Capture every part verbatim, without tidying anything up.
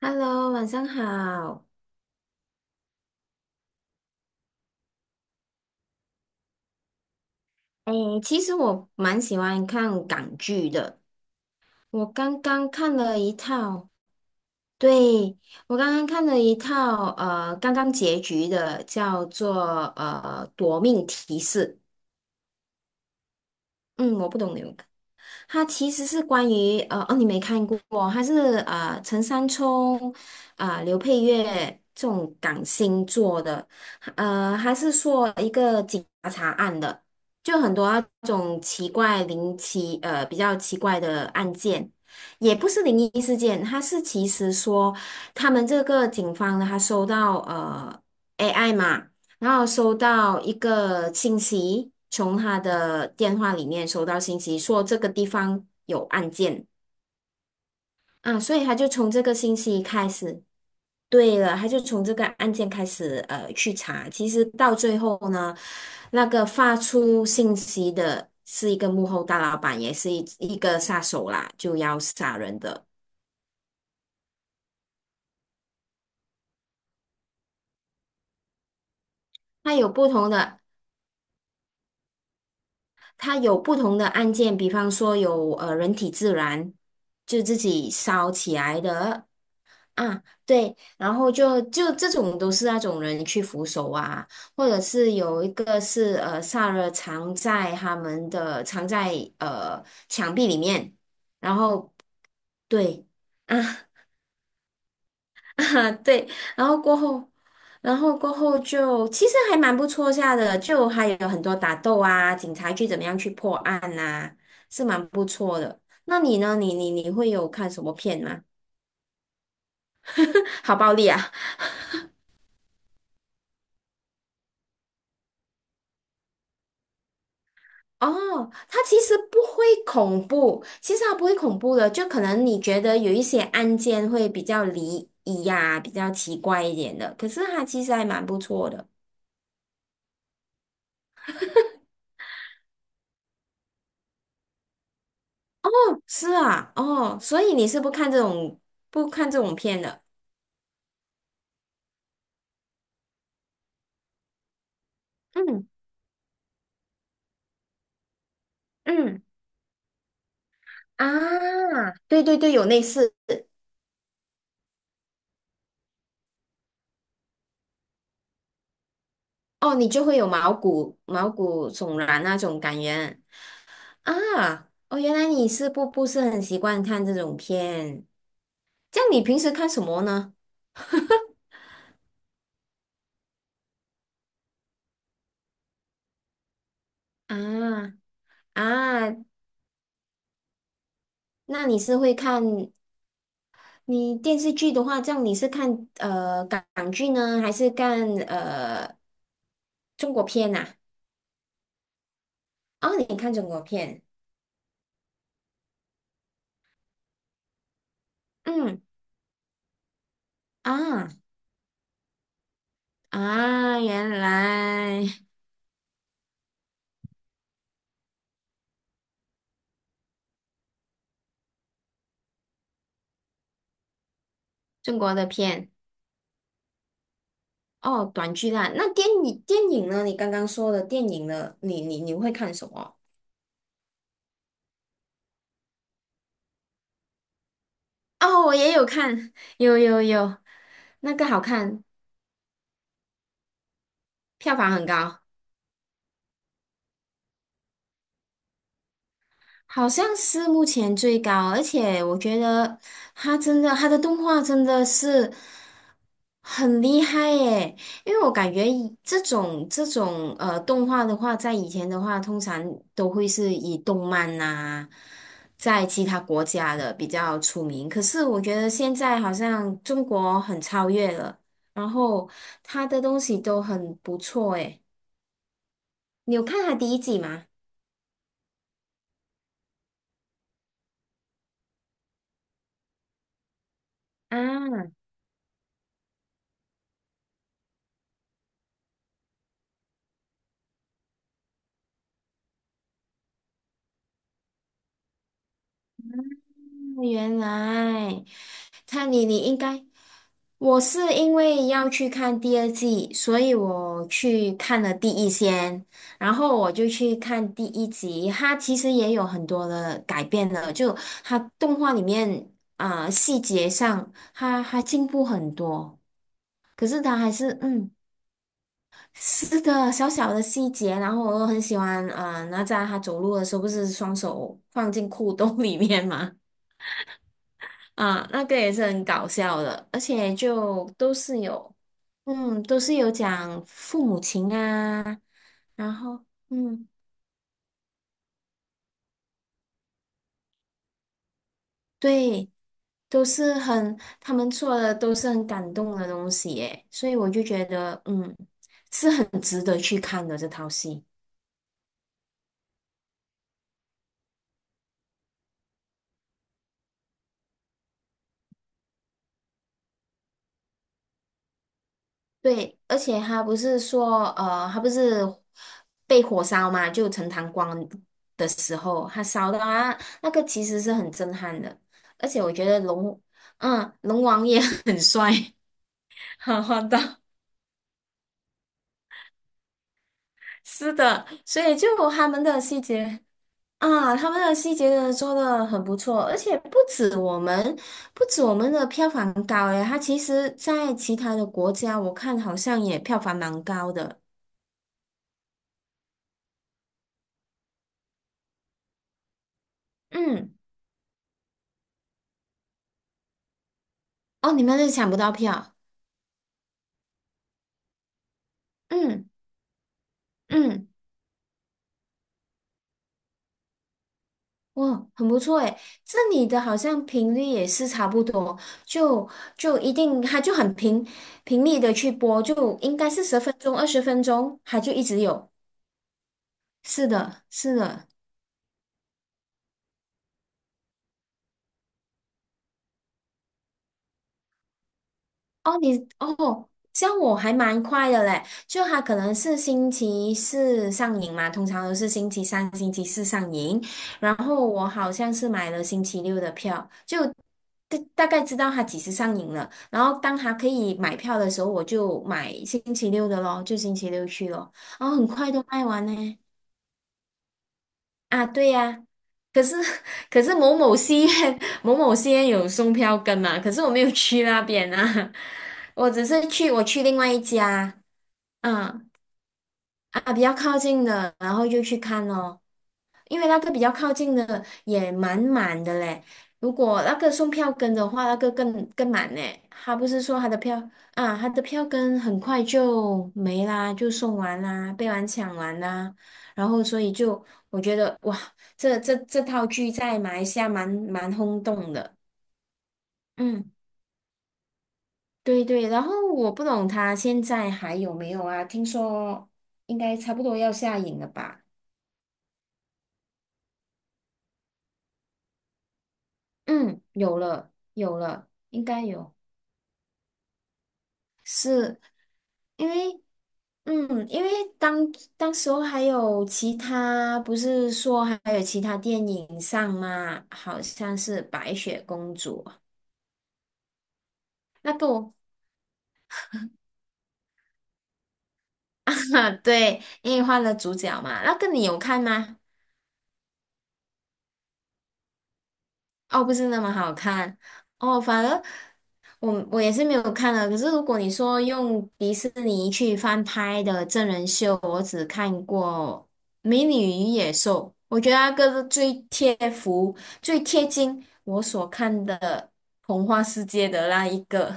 Hello，晚上好。哎，其实我蛮喜欢看港剧的。我刚刚看了一套，对，我刚刚看了一套，呃，刚刚结局的，叫做呃《夺命提示》。嗯，我不懂你有它其实是关于呃哦，你没看过哦。它是呃陈山聪啊、刘佩玥这种港星做的。呃，它是说一个警察案的，就很多那种奇怪灵奇呃比较奇怪的案件。也不是灵异事件，它是其实说他们这个警方呢，他收到呃 A I 嘛，然后收到一个信息，从他的电话里面收到信息，说这个地方有案件啊，所以他就从这个信息开始。对了，他就从这个案件开始呃去查，其实到最后呢，那个发出信息的是一个幕后大老板，也是一一个杀手啦，就要杀人的。他有不同的，他有不同的案件，比方说有呃人体自燃，就自己烧起来的。啊，对，然后就就这种都是那种人去扶手啊，或者是有一个是呃萨勒藏在他们的藏在呃墙壁里面，然后对啊 啊，对，然后过后，然后过后就其实还蛮不错下的，就还有很多打斗啊，警察去怎么样去破案呐，是蛮不错的。那你呢？你你你会有看什么片吗？好暴力啊！哦，它其实不会恐怖，其实它不会恐怖的，就可能你觉得有一些案件会比较离异呀、比较奇怪一点的，可是它其实还蛮不错的。是啊。哦，所以你是不看这种不看这种片的？嗯嗯。啊，对对对，有类似。哦，你就会有毛骨毛骨悚然那种感觉啊。哦，原来你是不不是很习惯看这种片，这样你平时看什么呢？啊。啊，那你是会看你电视剧的话，这样你是看呃港港剧呢，还是看呃中国片呐？哦，你看中国片。嗯啊啊，原来中国的片。哦，短剧啦。那电影电影呢？你刚刚说的电影呢？你你你会看什么？哦，我也有看，有有有，那个好看。票房很高。好像是目前最高，而且我觉得他真的，他的动画真的是很厉害耶！因为我感觉以这种这种呃动画的话，在以前的话，通常都会是以动漫呐，在其他国家的比较出名。可是我觉得现在好像中国很超越了。然后他的东西都很不错诶。你有看他第一季吗？啊，原来。看你，你应该，我是因为要去看第二季，所以我去看了第一先。然后我就去看第一集，它其实也有很多的改变了，就它动画里面啊、细节上，他还进步很多。可是他还是嗯是个小小的细节。然后我又很喜欢啊、呃哪吒他走路的时候不是双手放进裤兜里面吗？啊，那个也是很搞笑的，而且就都是有。嗯，都是有讲父母情啊。然后，嗯，对，都是很，他们做的都是很感动的东西耶。所以我就觉得，嗯，是很值得去看的这套戏。对，而且他不是说，呃，他不是被火烧嘛，就陈塘关的时候，他烧到啊，那个其实是很震撼的。而且我觉得龙，嗯，龙王也 很帅。好好的，是的。所以就他们的细节啊，他们的细节真的做的很不错，而且不止我们，不止我们的票房高诶。它其实在其他的国家，我看好像也票房蛮高的。嗯，哦，你们是抢不到票。嗯嗯，哇，很不错诶。这里的好像频率也是差不多，就就一定，它就很频频率的去播，就应该是十分钟、二十分钟，它就一直有。是的，是的。哦，你哦，像我还蛮快的嘞，就它可能是星期四上映嘛，通常都是星期三、星期四上映。然后我好像是买了星期六的票，就大大概知道它几时上映了。然后当它可以买票的时候，我就买星期六的咯，就星期六去咯。然后很快都卖完呢。啊，对呀。可是 可是某某戏院某某戏院有送票根嘛。可是我没有去那边啊。我只是去我去另外一家。嗯，啊，比较靠近的，然后就去看咯。因为那个比较靠近的也蛮满的嘞。如果那个送票根的话，那个更更满嘞。他不是说他的票啊，他的票根很快就没啦，就送完啦，被完抢完啦。然后所以就我觉得哇，这这这套剧在马来西亚蛮蛮轰动的。嗯，对对。然后我不懂他现在还有没有啊？听说应该差不多要下映了吧？嗯，有了有了，应该有。是因为嗯，因为当当时候还有其他，不是说还有其他电影上嘛，好像是《白雪公主》那个我。对，因为换了主角嘛，那个你有看吗？哦，不是那么好看。哦，反而我我也是没有看的。可是如果你说用迪士尼去翻拍的真人秀，我只看过《美女与野兽》。我觉得那个是最贴服、最贴近我所看的童话世界的那一个。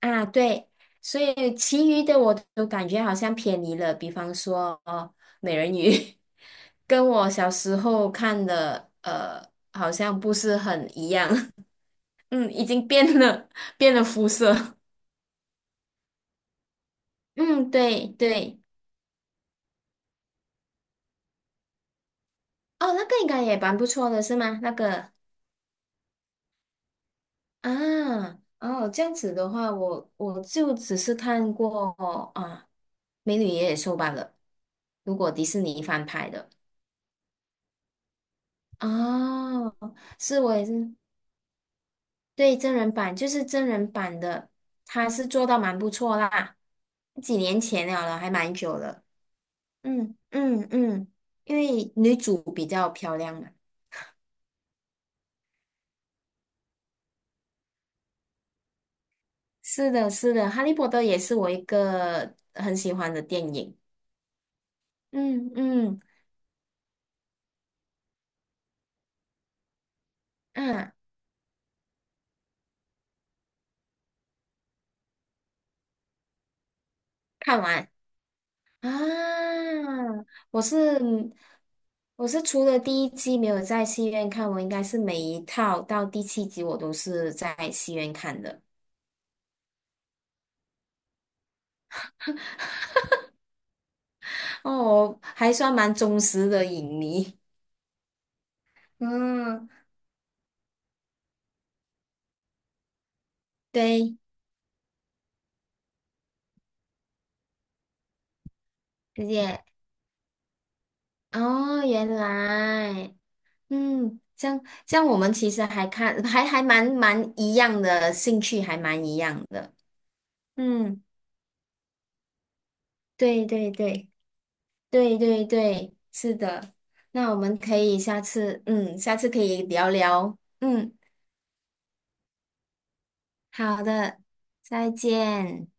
啊，对。所以其余的我都感觉好像偏离了，比方说哦，美人鱼 跟我小时候看的呃，好像不是很一样。嗯，已经变了，变了肤色。嗯，对对。哦，那个应该也蛮不错的，是吗？那个啊。哦，这样子的话，我我就只是看过。啊，《美女与野兽》罢了，如果迪士尼翻拍的。哦，是我也是。对，真人版就是真人版的，他是做到蛮不错啦。几年前了了，还蛮久了。嗯嗯嗯，因为女主比较漂亮嘛。是的，是的，《哈利波特》也是我一个很喜欢的电影。嗯嗯嗯，看完啊。我是我是除了第一季没有在戏院看，我应该是每一套到第七集我都是在戏院看的。哦，还算蛮忠实的影迷。嗯，对，直接。哦，原来。嗯，这样这样，我们其实还看还还蛮蛮一样的兴趣，还蛮一样的。嗯，对对对对对对，是的。那我们可以下次，嗯，下次可以聊聊。嗯，好的，再见。